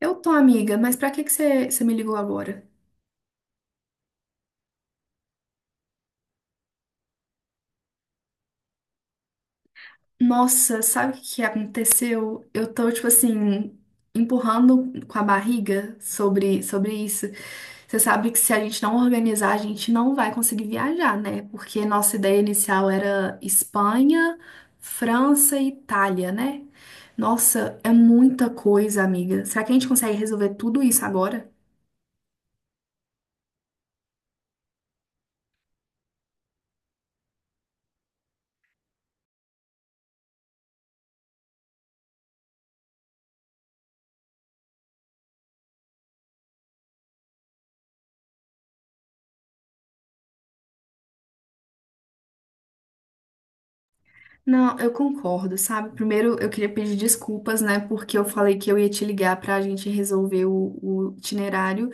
Eu tô, amiga, mas pra que que você me ligou agora? Nossa, sabe o que que aconteceu? Eu tô, tipo assim, empurrando com a barriga sobre isso. Você sabe que se a gente não organizar, a gente não vai conseguir viajar, né? Porque nossa ideia inicial era Espanha, França e Itália, né? Nossa, é muita coisa, amiga. Será que a gente consegue resolver tudo isso agora? Não, eu concordo, sabe? Primeiro, eu queria pedir desculpas, né? Porque eu falei que eu ia te ligar pra gente resolver o itinerário,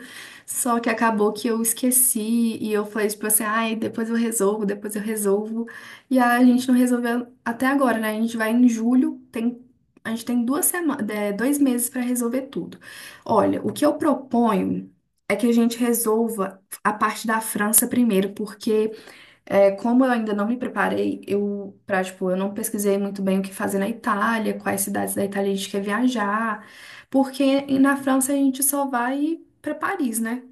só que acabou que eu esqueci e eu falei tipo assim, ai, depois eu resolvo, depois eu resolvo. E a gente não resolveu até agora, né? A gente vai em julho, a gente tem 2 semanas, 2 meses pra resolver tudo. Olha, o que eu proponho é que a gente resolva a parte da França primeiro, porque como eu ainda não me preparei, eu, pra, tipo, eu não pesquisei muito bem o que fazer na Itália, quais cidades da Itália a gente quer viajar, porque na França a gente só vai pra Paris, né?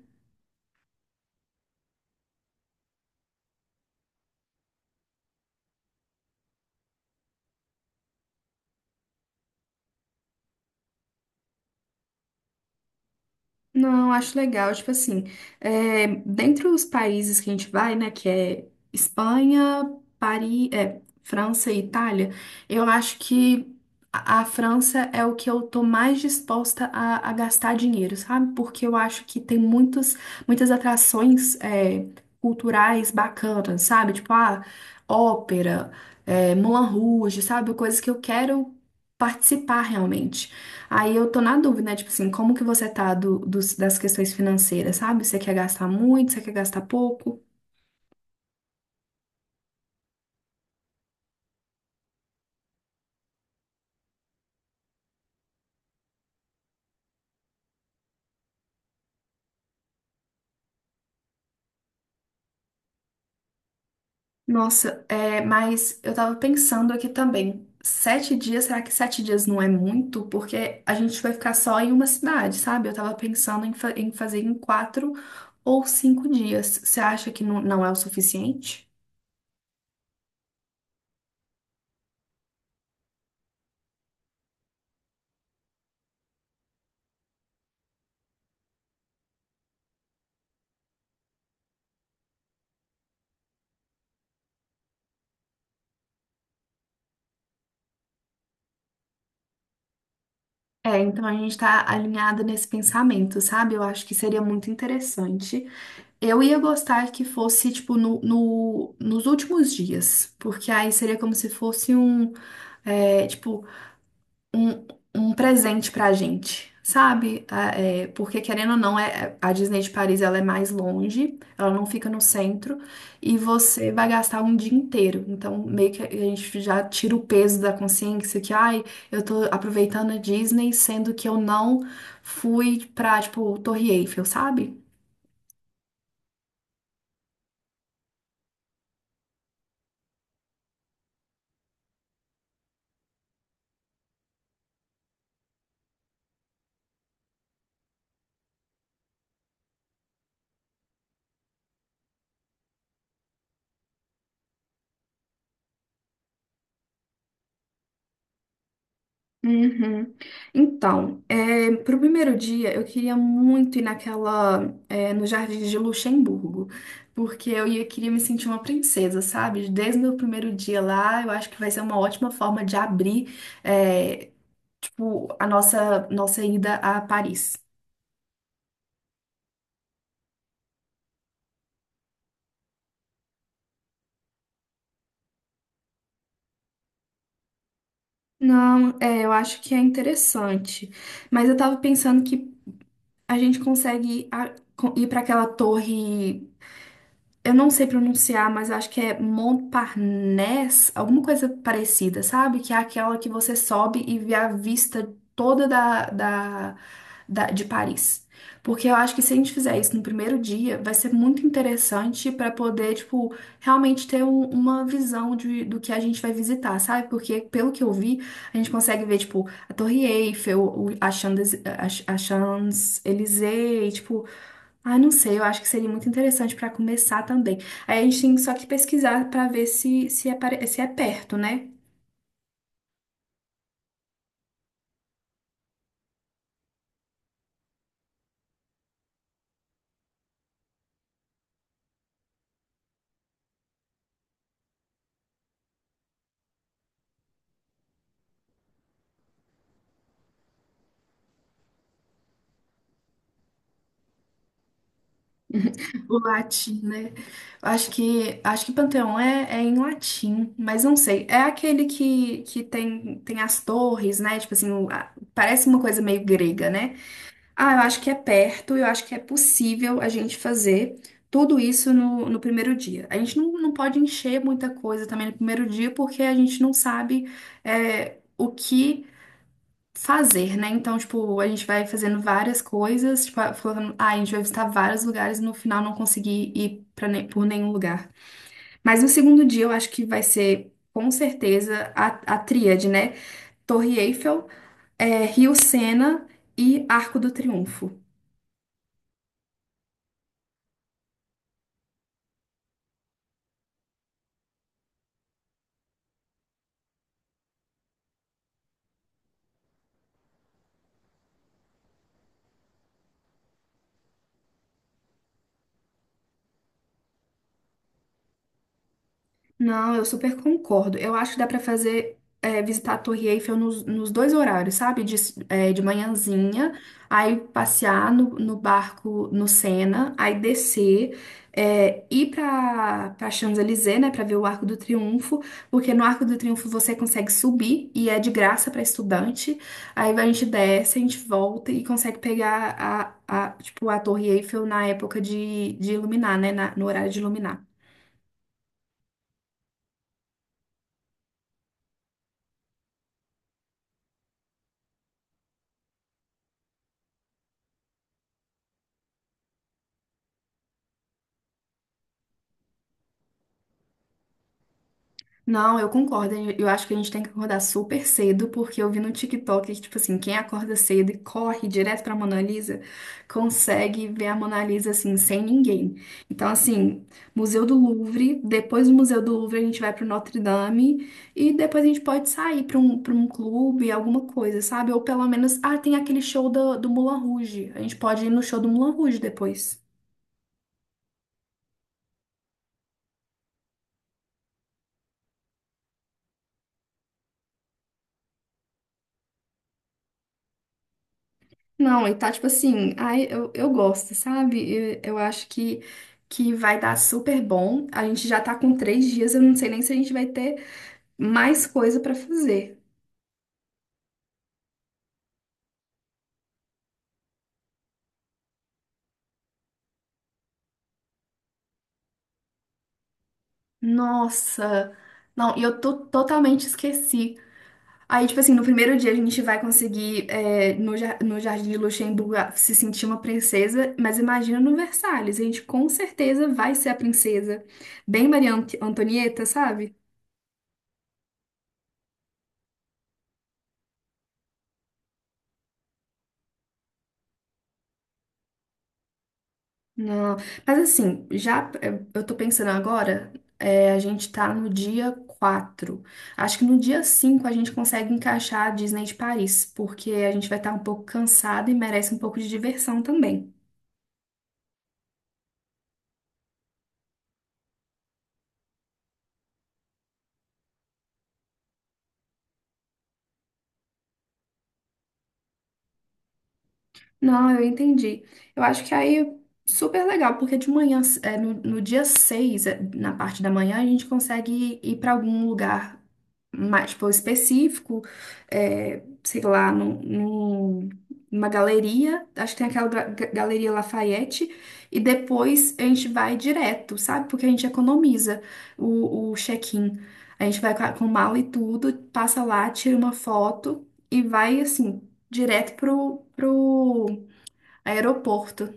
Não, acho legal. Tipo assim, dentre os países que a gente vai, né, que é Espanha, Paris, França e Itália, eu acho que a França é o que eu tô mais disposta a gastar dinheiro, sabe? Porque eu acho que tem muitas atrações, culturais bacanas, sabe? Tipo, ah, ópera, Moulin Rouge, sabe? Coisas que eu quero participar realmente. Aí eu tô na dúvida, né? Tipo assim, como que você tá das questões financeiras, sabe? Você quer gastar muito, você quer gastar pouco? Nossa, mas eu tava pensando aqui também. 7 dias, será que 7 dias não é muito? Porque a gente vai ficar só em uma cidade, sabe? Eu tava pensando em fazer em 4 ou 5 dias. Você acha que não é o suficiente? É, então a gente tá alinhada nesse pensamento, sabe? Eu acho que seria muito interessante. Eu ia gostar que fosse, tipo, nos últimos dias, porque aí seria como se fosse tipo, um, um presente pra gente, sabe? Ah, porque, querendo ou não, a Disney de Paris, ela é mais longe, ela não fica no centro, e você vai gastar um dia inteiro. Então, meio que a gente já tira o peso da consciência que, ai, eu tô aproveitando a Disney, sendo que eu não fui pra, tipo, Torre Eiffel, sabe? Uhum. Então, pro primeiro dia eu queria muito ir naquela, no Jardim de Luxemburgo, porque queria me sentir uma princesa, sabe? Desde o meu primeiro dia lá, eu acho que vai ser uma ótima forma de abrir, é, tipo, a nossa ida a Paris. Não, eu acho que é interessante, mas eu tava pensando que a gente consegue ir para aquela torre. Eu não sei pronunciar, mas acho que é Montparnasse, alguma coisa parecida, sabe? Que é aquela que você sobe e vê a vista toda de Paris. Porque eu acho que se a gente fizer isso no primeiro dia, vai ser muito interessante para poder, tipo, realmente ter uma visão do que a gente vai visitar, sabe? Porque, pelo que eu vi, a gente consegue ver, tipo, a Torre Eiffel, a a Champs-Élysées, tipo. Ah, não sei, eu acho que seria muito interessante para começar também. Aí a gente tem só que pesquisar para ver se é perto, né? O latim, né? Acho que Panteão é em latim, mas não sei. É aquele que tem as torres, né? Tipo assim, parece uma coisa meio grega, né? Ah, eu acho que é perto, eu acho que é possível a gente fazer tudo isso no primeiro dia. A gente não pode encher muita coisa também no primeiro dia, porque a gente não sabe, o que fazer, né? Então, tipo, a gente vai fazendo várias coisas, tipo, falando, ah, a gente vai visitar vários lugares e no final não conseguir ir por nenhum lugar. Mas no segundo dia eu acho que vai ser, com certeza, a tríade, né? Torre Eiffel, Rio Sena e Arco do Triunfo. Não, eu super concordo. Eu acho que dá pra fazer visitar a Torre Eiffel nos dois horários, sabe? De manhãzinha, aí passear no barco no Sena, aí descer, ir pra Champs-Élysées, né? Pra ver o Arco do Triunfo, porque no Arco do Triunfo você consegue subir e é de graça pra estudante. Aí a gente desce, a gente volta e consegue pegar tipo, a Torre Eiffel na época de iluminar, né? No horário de iluminar. Não, eu concordo. Eu acho que a gente tem que acordar super cedo, porque eu vi no TikTok que, tipo assim, quem acorda cedo e corre direto pra Mona Lisa, consegue ver a Mona Lisa, assim, sem ninguém. Então, assim, Museu do Louvre, depois do Museu do Louvre a gente vai pro Notre Dame, e depois a gente pode sair pra um clube, alguma coisa, sabe? Ou pelo menos, ah, tem aquele show do Moulin Rouge. A gente pode ir no show do Moulin Rouge depois. Não, e tá tipo assim, ai, eu gosto, sabe? Eu acho que vai dar super bom. A gente já tá com 3 dias, eu não sei nem se a gente vai ter mais coisa pra fazer. Nossa! Não, e eu tô totalmente esqueci. Aí, tipo assim, no primeiro dia a gente vai conseguir, no Jardim de Luxemburgo, se sentir uma princesa, mas imagina no Versalhes, a gente com certeza vai ser a princesa. Bem Maria Antonieta, sabe? Não, mas assim, já eu tô pensando agora, a gente tá no dia 4. Acho que no dia 5 a gente consegue encaixar a Disney de Paris, porque a gente vai estar um pouco cansado e merece um pouco de diversão também. Não, eu entendi. Eu acho que aí é super legal, porque de manhã, no dia 6, na parte da manhã, a gente consegue ir para algum lugar mais, tipo, específico, sei lá, numa galeria, acho que tem aquela Galeria Lafayette, e depois a gente vai direto, sabe? Porque a gente economiza o check-in. A gente vai com com mala e tudo, passa lá, tira uma foto e vai assim direto pro aeroporto.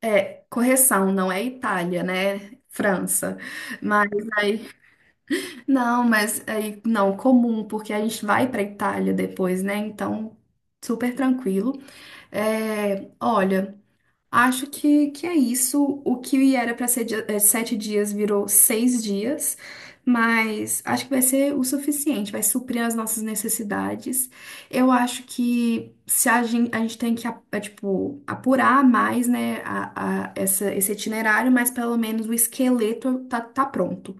É, correção, não é Itália, né? França. Mas aí, não, mas aí, não, comum, porque a gente vai pra Itália depois, né? Então, super tranquilo. É, olha. Acho que é isso. O que era para ser 7 dias virou 6 dias, mas acho que vai ser o suficiente, vai suprir as nossas necessidades. Eu acho que se a gente tem que tipo, apurar mais, né, esse itinerário, mas pelo menos o esqueleto tá pronto.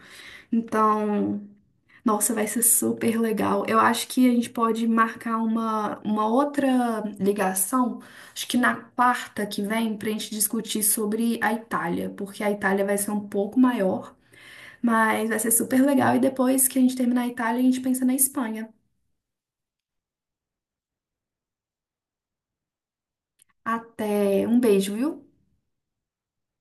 Então. Nossa, vai ser super legal. Eu acho que a gente pode marcar uma outra ligação, acho que na quarta que vem, para a gente discutir sobre a Itália, porque a Itália vai ser um pouco maior, mas vai ser super legal. E depois que a gente terminar a Itália, a gente pensa na Espanha. Até um beijo, viu?